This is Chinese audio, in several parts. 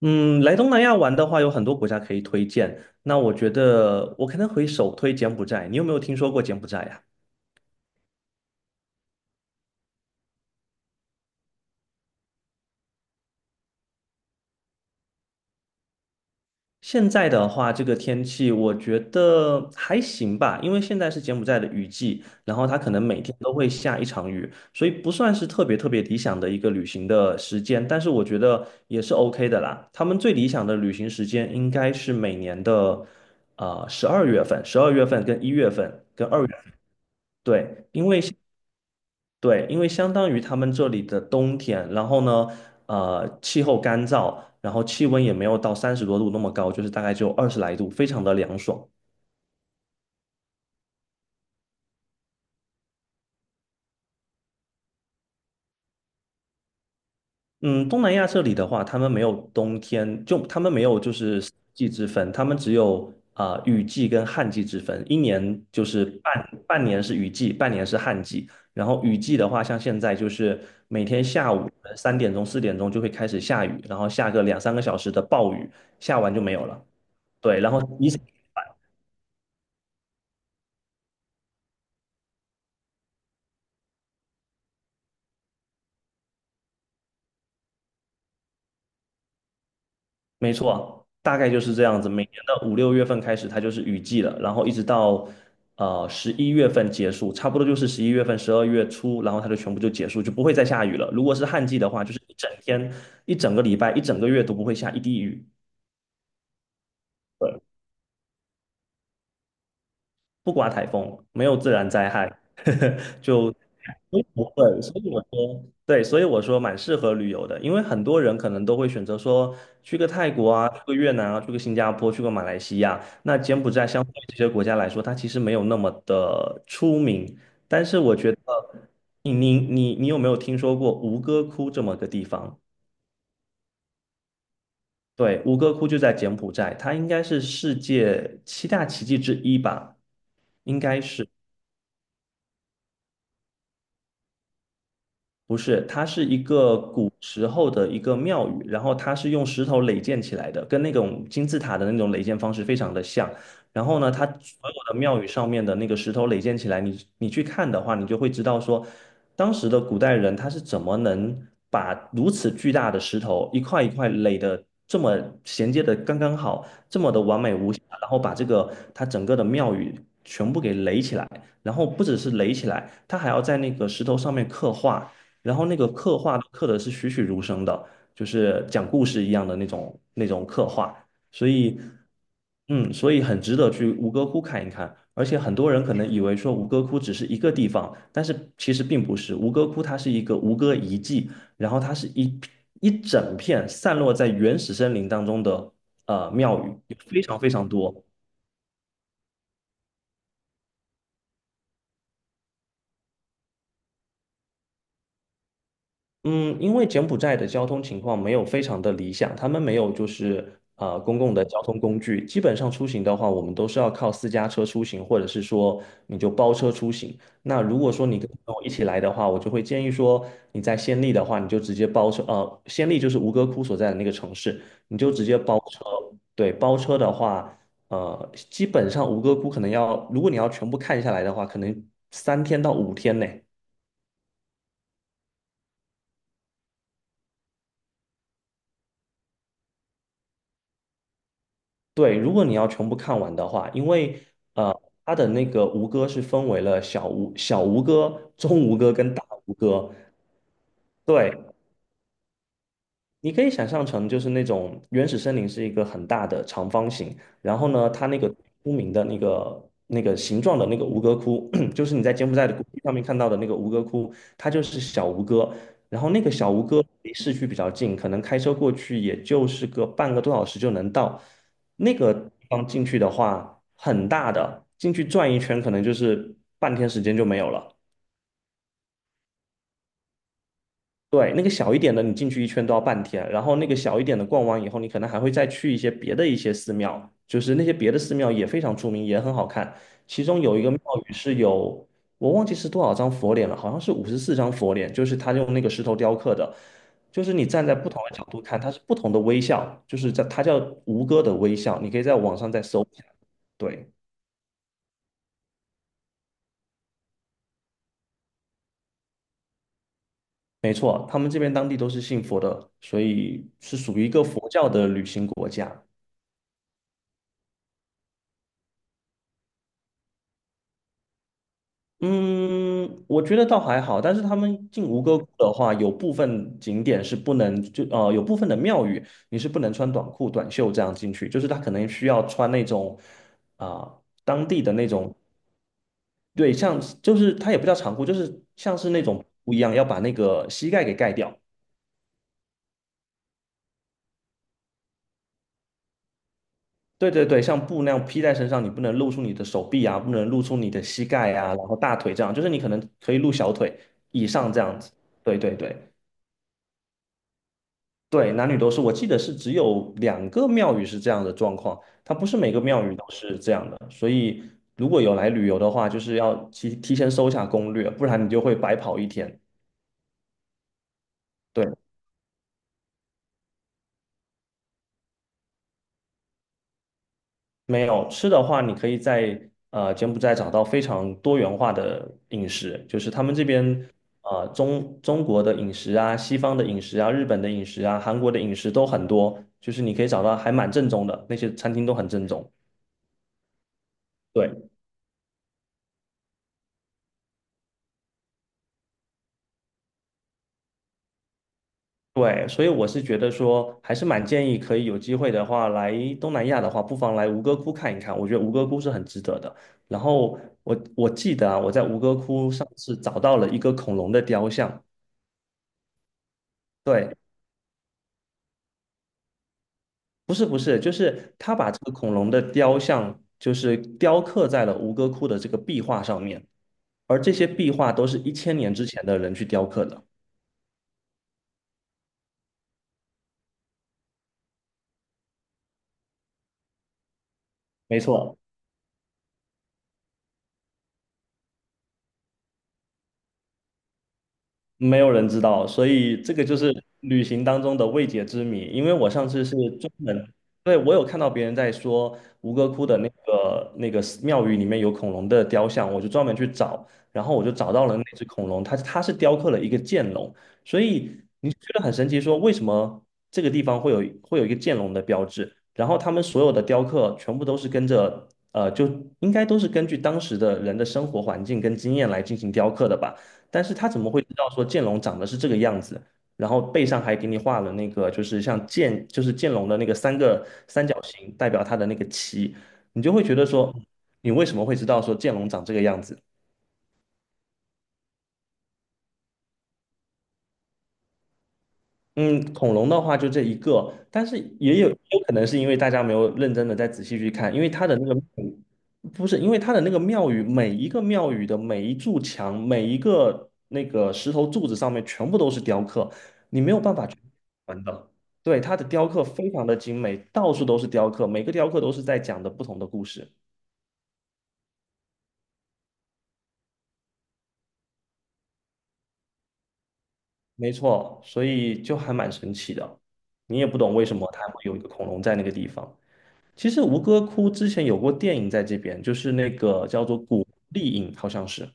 嗯，来东南亚玩的话，有很多国家可以推荐。那我觉得我可能会首推柬埔寨。你有没有听说过柬埔寨呀？现在的话，这个天气我觉得还行吧，因为现在是柬埔寨的雨季，然后它可能每天都会下一场雨，所以不算是特别特别理想的一个旅行的时间，但是我觉得也是 OK 的啦。他们最理想的旅行时间应该是每年的十二月份，十二月份跟一月份跟二月份，对，对，因为相当于他们这里的冬天，然后呢，气候干燥，然后气温也没有到30多度那么高，就是大概只有20来度，非常的凉爽。嗯，东南亚这里的话，他们没有冬天，就他们没有就是四季之分，他们只有雨季跟旱季之分，一年就是半年是雨季，半年是旱季。然后雨季的话，像现在就是每天下午3点钟、4点钟就会开始下雨，然后下个两三个小时的暴雨，下完就没有了。对，然后没错，大概就是这样子。每年的五六月份开始，它就是雨季了，然后一直到十一月份结束，差不多就是十一月份、12月初，然后它就全部就结束，就不会再下雨了。如果是旱季的话，就是一整天、一整个礼拜、一整个月都不会下一滴雨。对。不刮台风，没有自然灾害，呵呵，就都不会。所以我说蛮适合旅游的，因为很多人可能都会选择说去个泰国啊，去个越南啊，去个新加坡，去个马来西亚。那柬埔寨相对这些国家来说，它其实没有那么的出名，但是我觉得你有没有听说过吴哥窟这么个地方？对，吴哥窟就在柬埔寨，它应该是世界七大奇迹之一吧，应该是。不是，它是一个古时候的一个庙宇，然后它是用石头垒建起来的，跟那种金字塔的那种垒建方式非常的像。然后呢，它所有的庙宇上面的那个石头垒建起来，你去看的话，你就会知道说，当时的古代人他是怎么能把如此巨大的石头一块一块垒的这么衔接的刚刚好，这么的完美无瑕，然后把这个它整个的庙宇全部给垒起来，然后不只是垒起来，它还要在那个石头上面刻画。然后那个刻画都刻的是栩栩如生的，就是讲故事一样的那种刻画，所以，嗯，所以很值得去吴哥窟看一看。而且很多人可能以为说吴哥窟只是一个地方，但是其实并不是，吴哥窟它是一个吴哥遗迹，然后它是一整片散落在原始森林当中的庙宇，有非常非常多。嗯，因为柬埔寨的交通情况没有非常的理想，他们没有就是公共的交通工具，基本上出行的话，我们都是要靠私家车出行，或者是说你就包车出行。那如果说你跟我一起来的话，我就会建议说你在暹粒的话，你就直接包车，暹粒就是吴哥窟所在的那个城市，你就直接包车。对，包车的话，基本上吴哥窟可能要，如果你要全部看下来的话，可能3天到5天呢。对，如果你要全部看完的话，因为呃，它的那个吴哥是分为了小吴哥、中吴哥跟大吴哥。对，你可以想象成就是那种原始森林是一个很大的长方形，然后呢，它那个出名的那个形状的那个吴哥窟，就是你在柬埔寨的谷地上面看到的那个吴哥窟，它就是小吴哥。然后那个小吴哥离市区比较近，可能开车过去也就是个半个多小时就能到。那个地方进去的话，很大的，进去转一圈可能就是半天时间就没有了。对，那个小一点的，你进去一圈都要半天，然后那个小一点的逛完以后，你可能还会再去一些别的一些寺庙，就是那些别的寺庙也非常出名，也很好看。其中有一个庙宇是有，我忘记是多少张佛脸了，好像是54张佛脸，就是他用那个石头雕刻的，就是你站在不同的角度看，它是不同的微笑，就是在它叫吴哥的微笑，你可以在网上再搜一下。对，没错，他们这边当地都是信佛的，所以是属于一个佛教的旅行国家。嗯，我觉得倒还好，但是他们进吴哥窟的话，有部分景点是不能就有部分的庙宇你是不能穿短裤、短袖这样进去，就是他可能需要穿那种啊、当地的那种，对，像就是它也不叫长裤，就是像是那种布一样，要把那个膝盖给盖掉。对对对，像布那样披在身上，你不能露出你的手臂啊，不能露出你的膝盖啊，然后大腿这样，就是你可能可以露小腿以上这样子。对对对。对，男女都是，我记得是只有两个庙宇是这样的状况，它不是每个庙宇都是这样的，所以如果有来旅游的话，就是要提前搜一下攻略，不然你就会白跑一天。对，没有吃的话，你可以在柬埔寨找到非常多元化的饮食，就是他们这边中国的饮食啊、西方的饮食啊、日本的饮食啊、韩国的饮食都很多，就是你可以找到还蛮正宗的，那些餐厅都很正宗。对。对，所以我是觉得说，还是蛮建议可以有机会的话，来东南亚的话，不妨来吴哥窟看一看。我觉得吴哥窟是很值得的。然后我记得啊，我在吴哥窟上次找到了一个恐龙的雕像。对，不是不是，就是他把这个恐龙的雕像，就是雕刻在了吴哥窟的这个壁画上面，而这些壁画都是1000年之前的人去雕刻的。没错，没有人知道，所以这个就是旅行当中的未解之谜。因为我上次是专门，对，我有看到别人在说吴哥窟的那个寺庙宇里面有恐龙的雕像，我就专门去找，然后我就找到了那只恐龙，它是雕刻了一个剑龙，所以你觉得很神奇，说为什么这个地方会有一个剑龙的标志？然后他们所有的雕刻全部都是跟着，就应该都是根据当时的人的生活环境跟经验来进行雕刻的吧。但是他怎么会知道说剑龙长得是这个样子？然后背上还给你画了那个，就是像剑，就是剑龙的那个三个三角形代表它的那个鳍，你就会觉得说，嗯你为什么会知道说剑龙长这个样子？嗯，恐龙的话就这一个，但是也有可能是因为大家没有认真的再仔细去看，因为它的那个不是因为它的那个庙宇，每一个庙宇的每一柱墙，每一个那个石头柱子上面全部都是雕刻，你没有办法去完的。对，它的雕刻非常的精美，到处都是雕刻，每个雕刻都是在讲的不同的故事。没错，所以就还蛮神奇的，你也不懂为什么它会有一个恐龙在那个地方。其实吴哥窟之前有过电影在这边，就是那个叫做《古丽影》，好像是。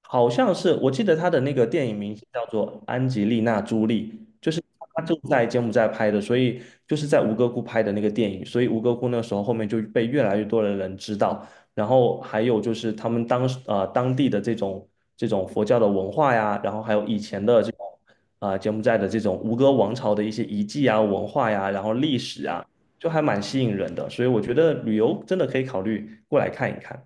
好像是，我记得他的那个电影名字叫做安吉丽娜·朱莉，就是他就在柬埔寨拍的，所以就是在吴哥窟拍的那个电影，所以吴哥窟那时候后面就被越来越多的人知道，然后还有就是他们当时当地的这种佛教的文化呀，然后还有以前的这种柬埔寨的这种吴哥王朝的一些遗迹啊、文化呀，然后历史啊，就还蛮吸引人的，所以我觉得旅游真的可以考虑过来看一看。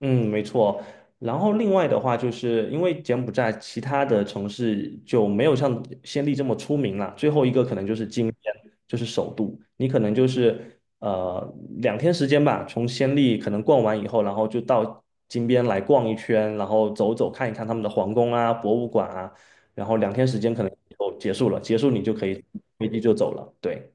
嗯，没错。然后另外的话，就是因为柬埔寨其他的城市就没有像暹粒这么出名了。最后一个可能就是金边，就是首都。你可能就是两天时间吧，从暹粒可能逛完以后，然后就到金边来逛一圈，然后走走看一看他们的皇宫啊、博物馆啊，然后两天时间可能就结束了。结束你就可以飞机就走了。对。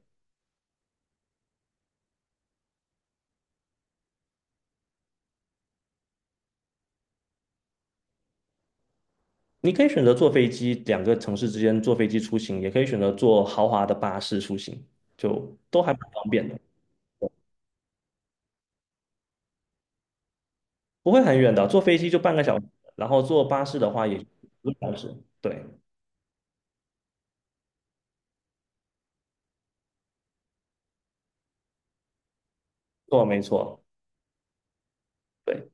你可以选择坐飞机，两个城市之间坐飞机出行，也可以选择坐豪华的巴士出行，就都还蛮方便的，不会很远的。坐飞机就半个小时，然后坐巴士的话也一个小时。对，没错，对，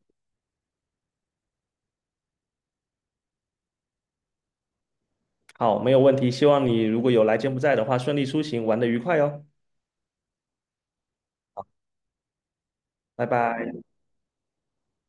好，没有问题。希望你如果有来柬埔寨的话，顺利出行，玩得愉快哦，拜拜。